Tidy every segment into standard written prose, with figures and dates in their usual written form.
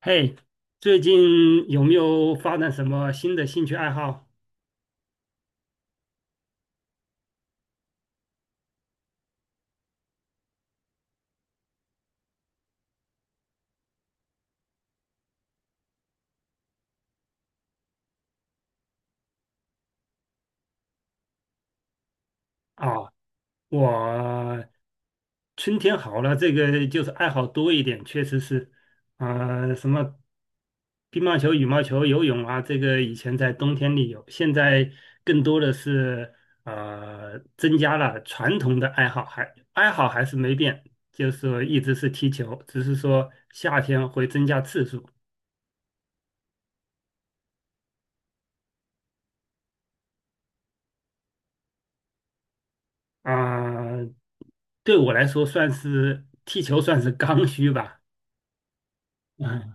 嘿，最近有没有发展什么新的兴趣爱好啊？我春天好了，这个就是爱好多一点，确实是，什么乒乓球、羽毛球、游泳啊，这个以前在冬天里有，现在更多的是增加了传统的爱好，还爱好还是没变，就是说一直是踢球，只是说夏天会增加次数。啊、对我来说算是踢球算是刚需吧。嗯，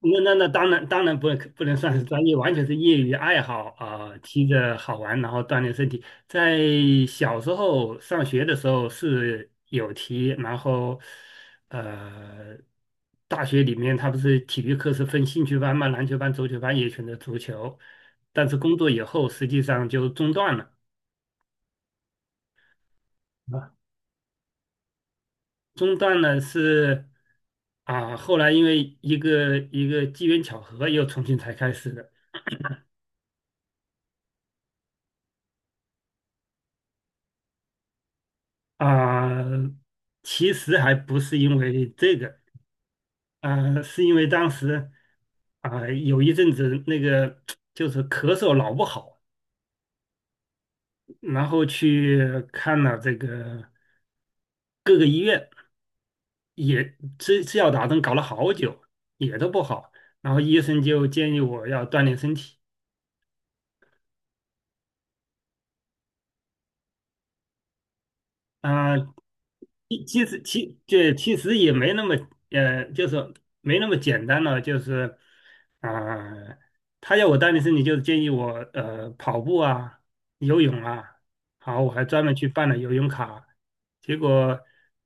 那当然不能算是专业，完全是业余爱好啊、踢着好玩，然后锻炼身体。在小时候上学的时候是有踢，然后呃，大学里面他不是体育课是分兴趣班嘛，篮球班、足球班也选择足球，但是工作以后实际上就中断了。啊。中断呢是啊，后来因为一个机缘巧合，又重新才开始的啊。其实还不是因为这个啊，是因为当时啊有一阵子那个 就是咳嗽老不好，然后去看了这个各个医院，也吃吃药打针搞了好久，也都不好。然后医生就建议我要锻炼身体。啊，其实也没那么就是没那么简单了，就是啊、他要我锻炼身体，就是建议我跑步啊、游泳啊，好，我还专门去办了游泳卡，结果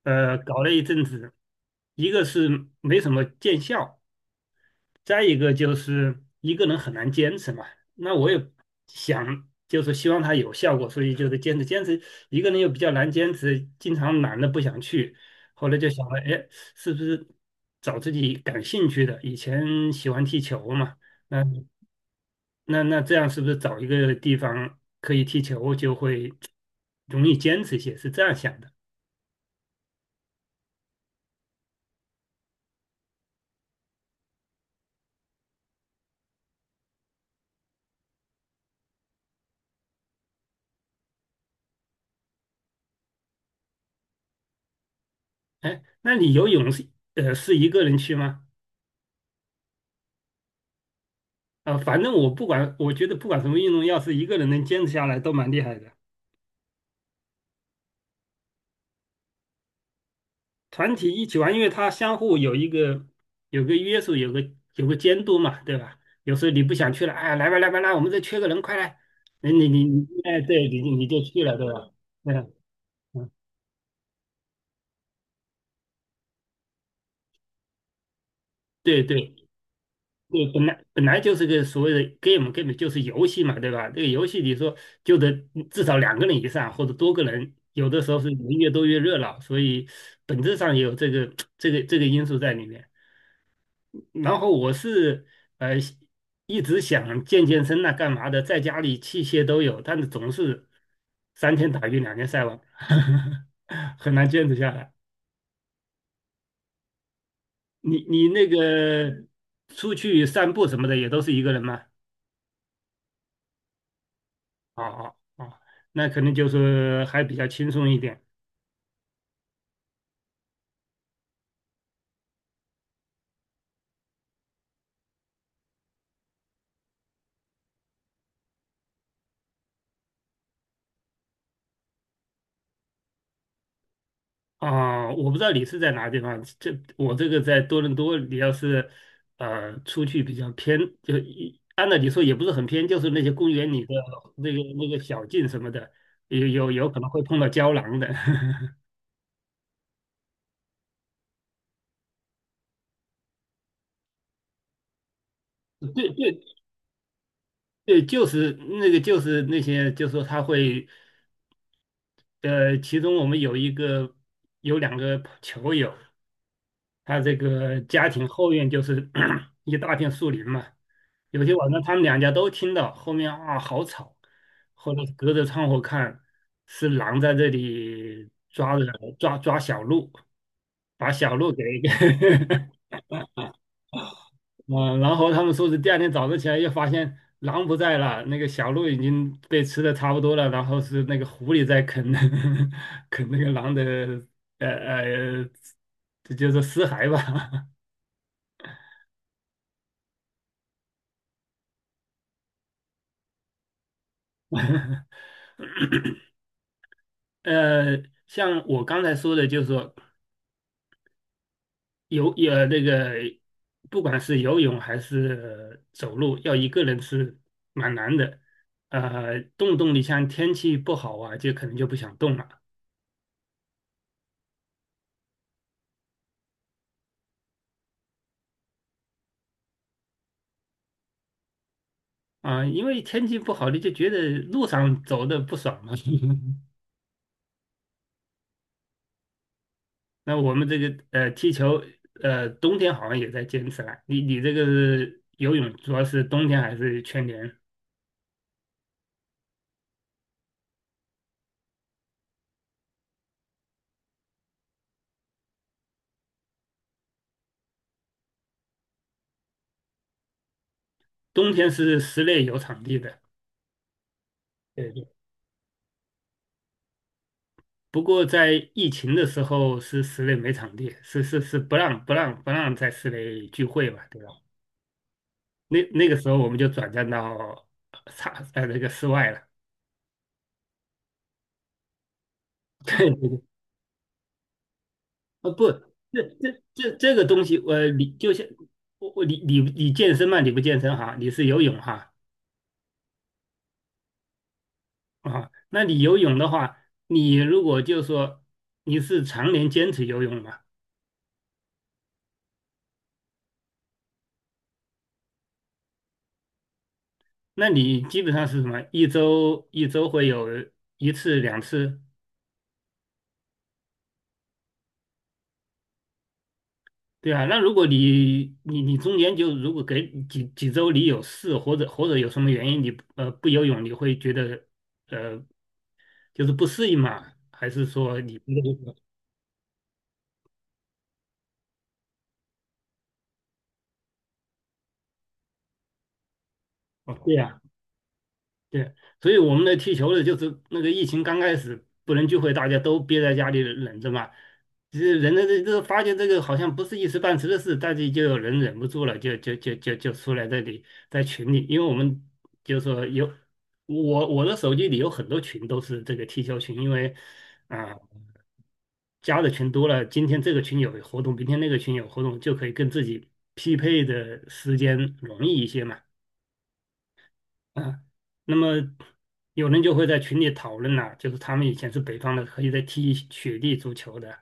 搞了一阵子，一个是没什么见效，再一个就是一个人很难坚持嘛，那我也想就是希望他有效果，所以就是坚持坚持，一个人又比较难坚持，经常懒得不想去，后来就想了，哎，是不是找自己感兴趣的？以前喜欢踢球嘛，那那这样是不是找一个地方可以踢球就会容易坚持一些？是这样想的。哎，那你游泳是一个人去吗？反正我不管，我觉得不管什么运动，要是一个人能坚持下来，都蛮厉害的。团体一起玩，因为它相互有个约束，有个监督嘛，对吧？有时候你不想去了，哎，来吧来吧来，我们这缺个人，快来！你，哎，对，你就去了，对吧？嗯嗯，对对，对，本来就是个所谓的 game，game 就是游戏嘛，对吧？这个游戏你说就得至少两个人以上或者多个人，有的时候是人越多越热闹，所以本质上也有这个因素在里面。然后我是呃一直想健健身呐、干嘛的，在家里器械都有，但是总是三天打鱼两天晒网，很难坚持下来。你那个出去散步什么的也都是一个人吗？哦哦哦，那可能就是还比较轻松一点啊。我不知道你是在哪个地方，我这个在多伦多，你要是出去比较偏，就一按照你说也不是很偏，就是那些公园里的那个小径什么的，有可能会碰到胶囊的。对对对，就是那些，就是说他会其中我们有两个球友，他这个家庭后院就是 一大片树林嘛，有些晚上他们两家都听到，后面啊好吵，后来隔着窗户看是狼在这里抓着抓小鹿，把小鹿给 给嗯，然后他们说是第二天早上起来又发现狼不在了，那个小鹿已经被吃的差不多了，然后是那个狐狸在啃 啃那个狼的呃呃，这就是尸骸吧。呃，像我刚才说的，就是说游呃那个，不管是游泳还是走路，要一个人是蛮难的。你像天气不好啊，就可能就不想动了啊，因为天气不好，你就觉得路上走的不爽嘛。那我们这个踢球，冬天好像也在坚持了。你这个是游泳主要是冬天还是全年？冬天是室内有场地的。对。不过在疫情的时候是室内没场地，是不让在室内聚会嘛，对吧？那个时候我们就转战到那个室外了。对对对，啊不，这个东西，我你就像我你健身嘛，你不健身哈，你是游泳哈啊，那你游泳的话，你如果就说你是常年坚持游泳嘛，那你基本上是什么？一周一周会有一次两次。对啊，那如果你中间就如果给几周你有事或者有什么原因你不游泳，你会觉得呃就是不适应嘛？还是说你？哦，对呀、对，所以我们的踢球的，就是那个疫情刚开始不能聚会，大家都憋在家里忍着嘛。这人的发现这个好像不是一时半时的事，大家就有人忍不住了，就出来这里在群里，因为我们就是说有我的手机里有很多群都是这个踢球群，因为啊、加的群多了，今天这个群有活动，明天那个群有活动，就可以跟自己匹配的时间容易一些嘛。啊，那么有人就会在群里讨论了，就是他们以前是北方的，可以在踢雪地足球的。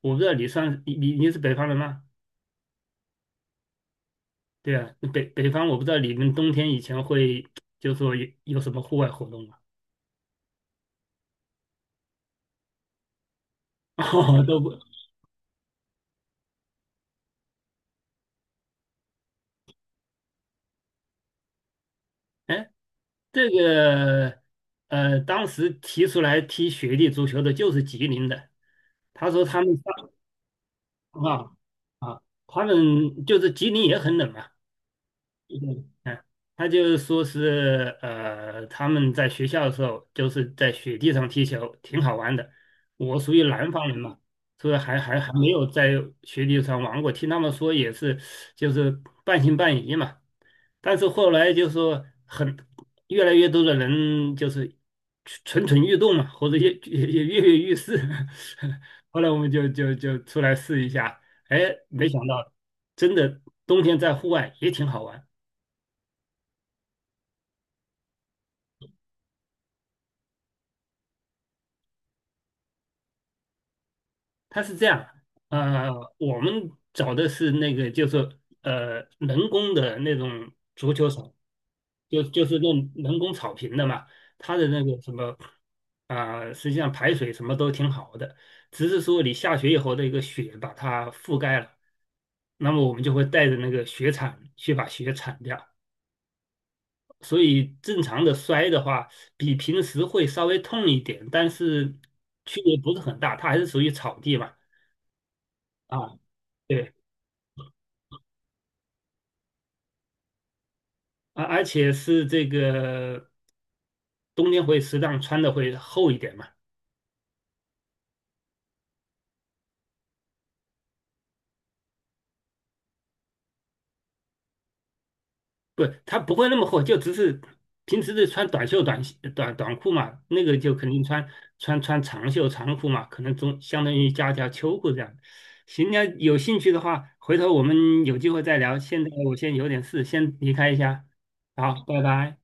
我不知道你算你是北方人吗？对啊，北方我不知道你们冬天以前会就说有什么户外活动吗？哦，都不，哎，这个当时提出来踢雪地足球的就是吉林的，他说他们上啊啊，他们就是吉林也很冷啊。嗯，嗯，他就是说是他们在学校的时候就是在雪地上踢球，挺好玩的。我属于南方人嘛，所以还没有在雪地上玩过。听他们说也是，就是半信半疑嘛。但是后来就说越来越多的人就是蠢蠢欲动嘛，或者也跃跃欲试。后来我们就出来试一下，哎，没想到真的冬天在户外也挺好玩。它是这样，呃，我们找的是那个，就是人工的那种足球场，就是用人工草坪的嘛，它的那个什么，实际上排水什么都挺好的，只是说你下雪以后的一个雪把它覆盖了，那么我们就会带着那个雪铲去把雪铲掉，所以正常的摔的话，比平时会稍微痛一点，但是区别不是很大，它还是属于草地嘛，啊。对。啊，而且是这个冬天会适当穿的会厚一点嘛，不，它不会那么厚，就只是平时是穿短袖短裤嘛，那个就肯定穿长袖长裤嘛，可能中相当于加条秋裤这样。行，那有兴趣的话，回头我们有机会再聊。现在我先有点事，先离开一下，好，拜拜。